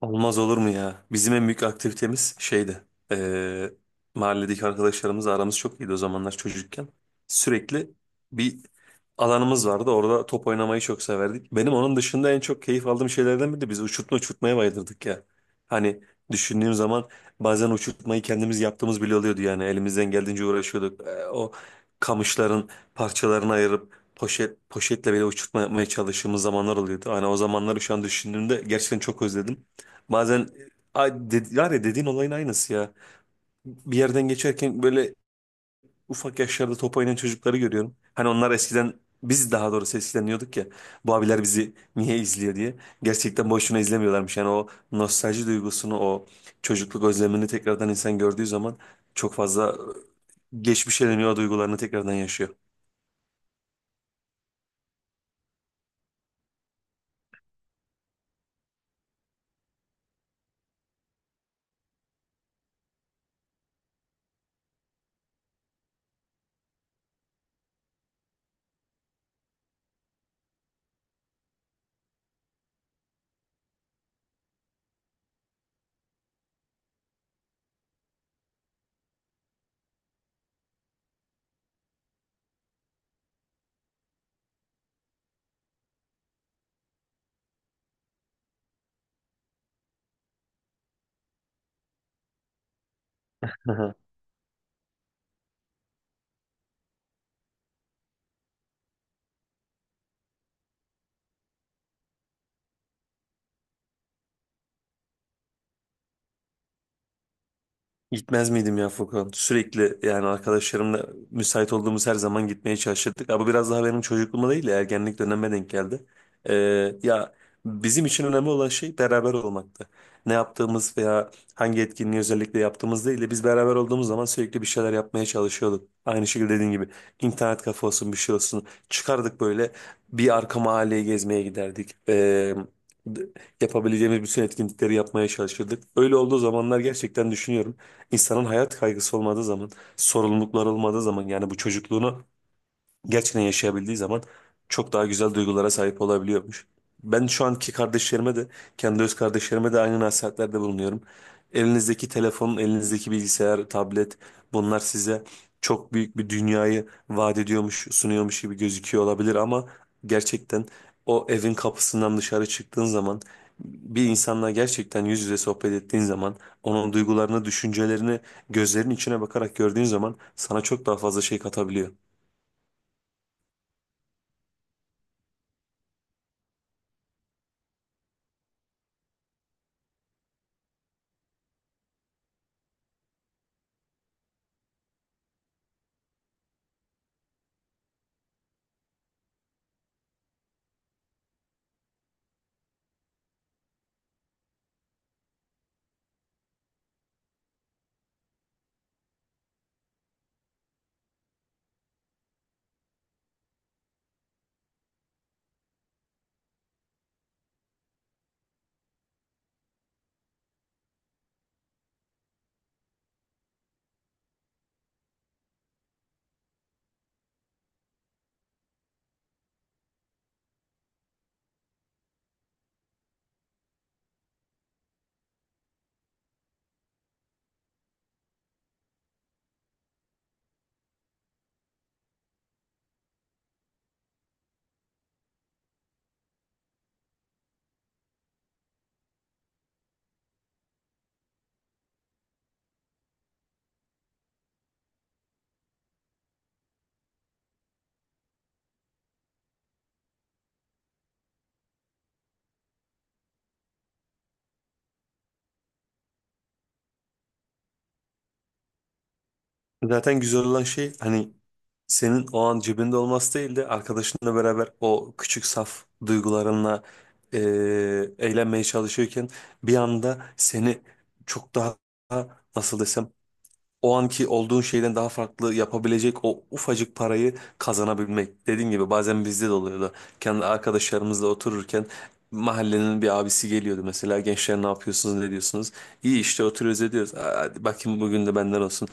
Olmaz olur mu ya? Bizim en büyük aktivitemiz şeydi. Eee Mahalledeki arkadaşlarımızla aramız çok iyiydi o zamanlar çocukken. Sürekli bir alanımız vardı. Orada top oynamayı çok severdik. Benim onun dışında en çok keyif aldığım şeylerden biri de biz uçurtma uçurtmaya bayılırdık ya. Hani düşündüğüm zaman bazen uçurtmayı kendimiz yaptığımız bile oluyordu yani. Elimizden geldiğince uğraşıyorduk. O kamışların parçalarını ayırıp poşet poşetle bile uçurtma yapmaya çalıştığımız zamanlar oluyordu. Hani o zamanları şu an düşündüğümde gerçekten çok özledim. Bazen var ya dediğin olayın aynısı ya. Bir yerden geçerken böyle ufak yaşlarda top oynayan çocukları görüyorum. Hani onlar eskiden biz daha doğrusu eskiden diyorduk ya bu abiler bizi niye izliyor diye. Gerçekten boşuna izlemiyorlarmış. Yani o nostalji duygusunu o çocukluk özlemini tekrardan insan gördüğü zaman çok fazla geçmişe dönüyor o duygularını tekrardan yaşıyor. Gitmez miydim ya Furkan? Sürekli yani arkadaşlarımla müsait olduğumuz her zaman gitmeye çalışırdık. Ama biraz daha benim çocukluğuma değil de ergenlik dönemime denk geldi. Ee, ya bizim için önemli olan şey beraber olmaktı. Ne yaptığımız veya hangi etkinliği özellikle yaptığımız değil de biz beraber olduğumuz zaman sürekli bir şeyler yapmaya çalışıyorduk. Aynı şekilde dediğin gibi internet kafe olsun bir şey olsun. Çıkardık böyle bir arka mahalleye gezmeye giderdik. D- Yapabileceğimiz bütün etkinlikleri yapmaya çalışırdık. Öyle olduğu zamanlar gerçekten düşünüyorum. İnsanın hayat kaygısı olmadığı zaman, sorumluluklar olmadığı zaman yani bu çocukluğunu gerçekten yaşayabildiği zaman çok daha güzel duygulara sahip olabiliyormuş. Ben şu anki kardeşlerime de, kendi öz kardeşlerime de aynı nasihatlerde bulunuyorum. Elinizdeki telefon, elinizdeki bilgisayar, tablet bunlar size çok büyük bir dünyayı vaat ediyormuş, sunuyormuş gibi gözüküyor olabilir ama gerçekten o evin kapısından dışarı çıktığın zaman bir insanla gerçekten yüz yüze sohbet ettiğin zaman onun duygularını, düşüncelerini gözlerinin içine bakarak gördüğün zaman sana çok daha fazla şey katabiliyor. Zaten güzel olan şey hani senin o an cebinde olması değil de arkadaşınla beraber o küçük saf duygularınla e, eğlenmeye çalışıyorken bir anda seni çok daha nasıl desem o anki olduğun şeyden daha farklı yapabilecek o ufacık parayı kazanabilmek. Dediğim gibi bazen bizde de oluyordu. Kendi arkadaşlarımızla otururken mahallenin bir abisi geliyordu mesela gençler ne yapıyorsunuz ne diyorsunuz? İyi işte oturuyoruz ediyoruz. Aa, hadi bakayım bugün de benden olsun.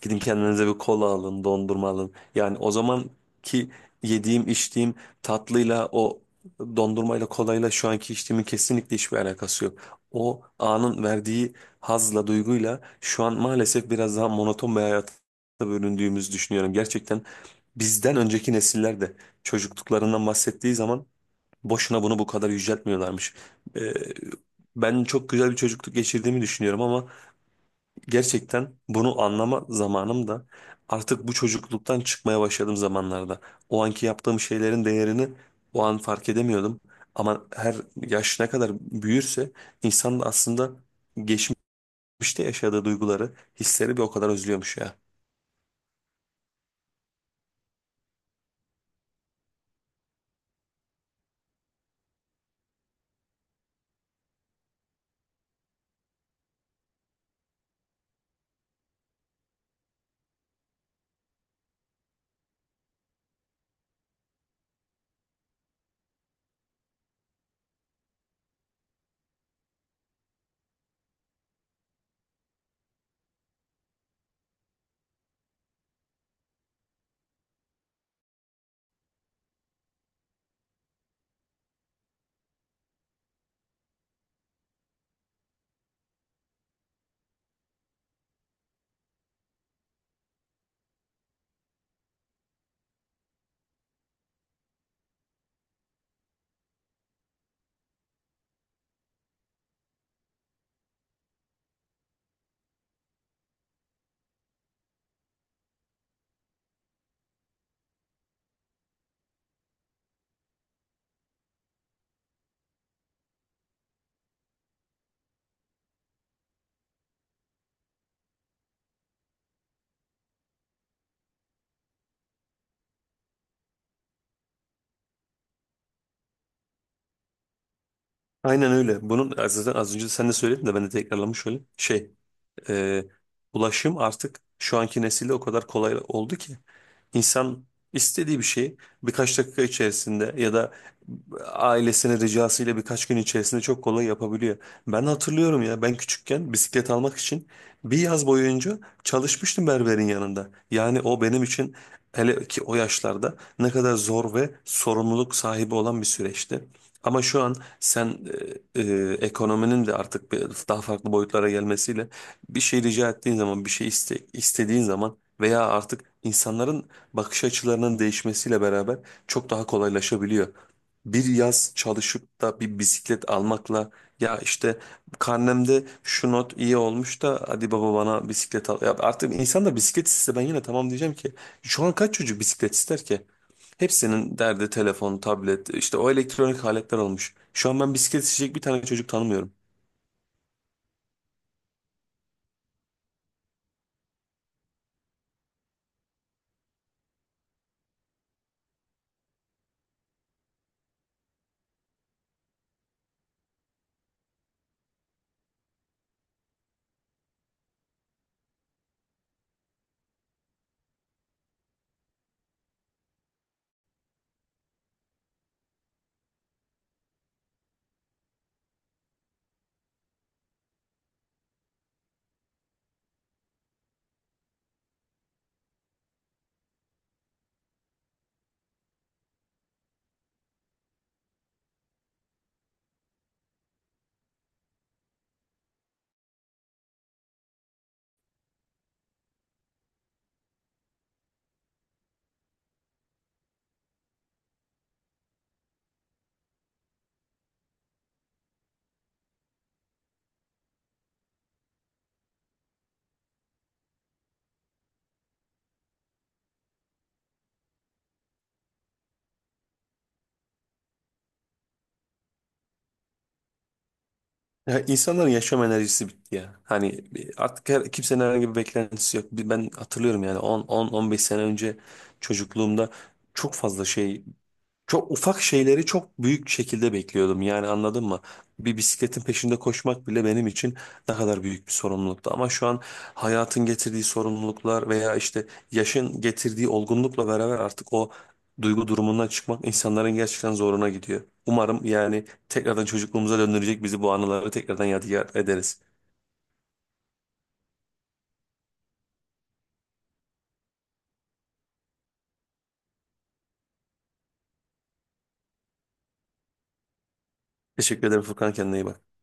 Gidin kendinize bir kola alın, dondurma alın. Yani o zaman ki yediğim, içtiğim tatlıyla o dondurmayla, kolayla şu anki içtiğimin kesinlikle hiçbir alakası yok. O anın verdiği hazla, duyguyla şu an maalesef biraz daha monoton bir hayata bölündüğümüzü düşünüyorum. Gerçekten bizden önceki nesiller de çocukluklarından bahsettiği zaman boşuna bunu bu kadar yüceltmiyorlarmış. Ee, Ben çok güzel bir çocukluk geçirdiğimi düşünüyorum ama gerçekten bunu anlama zamanım da artık bu çocukluktan çıkmaya başladığım zamanlarda. O anki yaptığım şeylerin değerini o an fark edemiyordum. Ama her yaş ne kadar büyürse insan da aslında geçmişte yaşadığı duyguları, hisleri bir o kadar özlüyormuş ya. Aynen öyle. Bunun zaten az önce sen de söyledin de ben de tekrarlamış olayım. E, Ulaşım artık şu anki nesilde o kadar kolay oldu ki insan istediği bir şeyi birkaç dakika içerisinde ya da ailesinin ricasıyla birkaç gün içerisinde çok kolay yapabiliyor. Ben hatırlıyorum ya ben küçükken bisiklet almak için bir yaz boyunca çalışmıştım berberin yanında. Yani o benim için hele ki o yaşlarda ne kadar zor ve sorumluluk sahibi olan bir süreçti. Ama şu an sen ekonominin de artık daha farklı boyutlara gelmesiyle bir şey rica ettiğin zaman, istediğin zaman veya artık insanların bakış açılarının değişmesiyle beraber çok daha kolaylaşabiliyor. Bir yaz çalışıp da bir bisiklet almakla ya işte karnemde şu not iyi olmuş da hadi baba bana bisiklet al. Ya artık insan da bisiklet iste ben yine tamam diyeceğim ki şu an kaç çocuk bisiklet ister ki? Hepsinin derdi telefon, tablet, işte o elektronik aletler olmuş. Şu an ben bisiklet isteyecek bir tane çocuk tanımıyorum. Ya insanların yaşam enerjisi bitti ya. Hani artık her, kimsenin herhangi bir beklentisi yok. Ben hatırlıyorum yani 10 15 sene önce çocukluğumda çok fazla şey çok ufak şeyleri çok büyük şekilde bekliyordum yani anladın mı? Bir bisikletin peşinde koşmak bile benim için ne kadar büyük bir sorumluluktu. Ama şu an hayatın getirdiği sorumluluklar veya işte yaşın getirdiği olgunlukla beraber artık o duygu durumundan çıkmak insanların gerçekten zoruna gidiyor. Umarım yani tekrardan çocukluğumuza döndürecek bizi bu anıları tekrardan yadigar ederiz. Teşekkür ederim Furkan kendine iyi bak.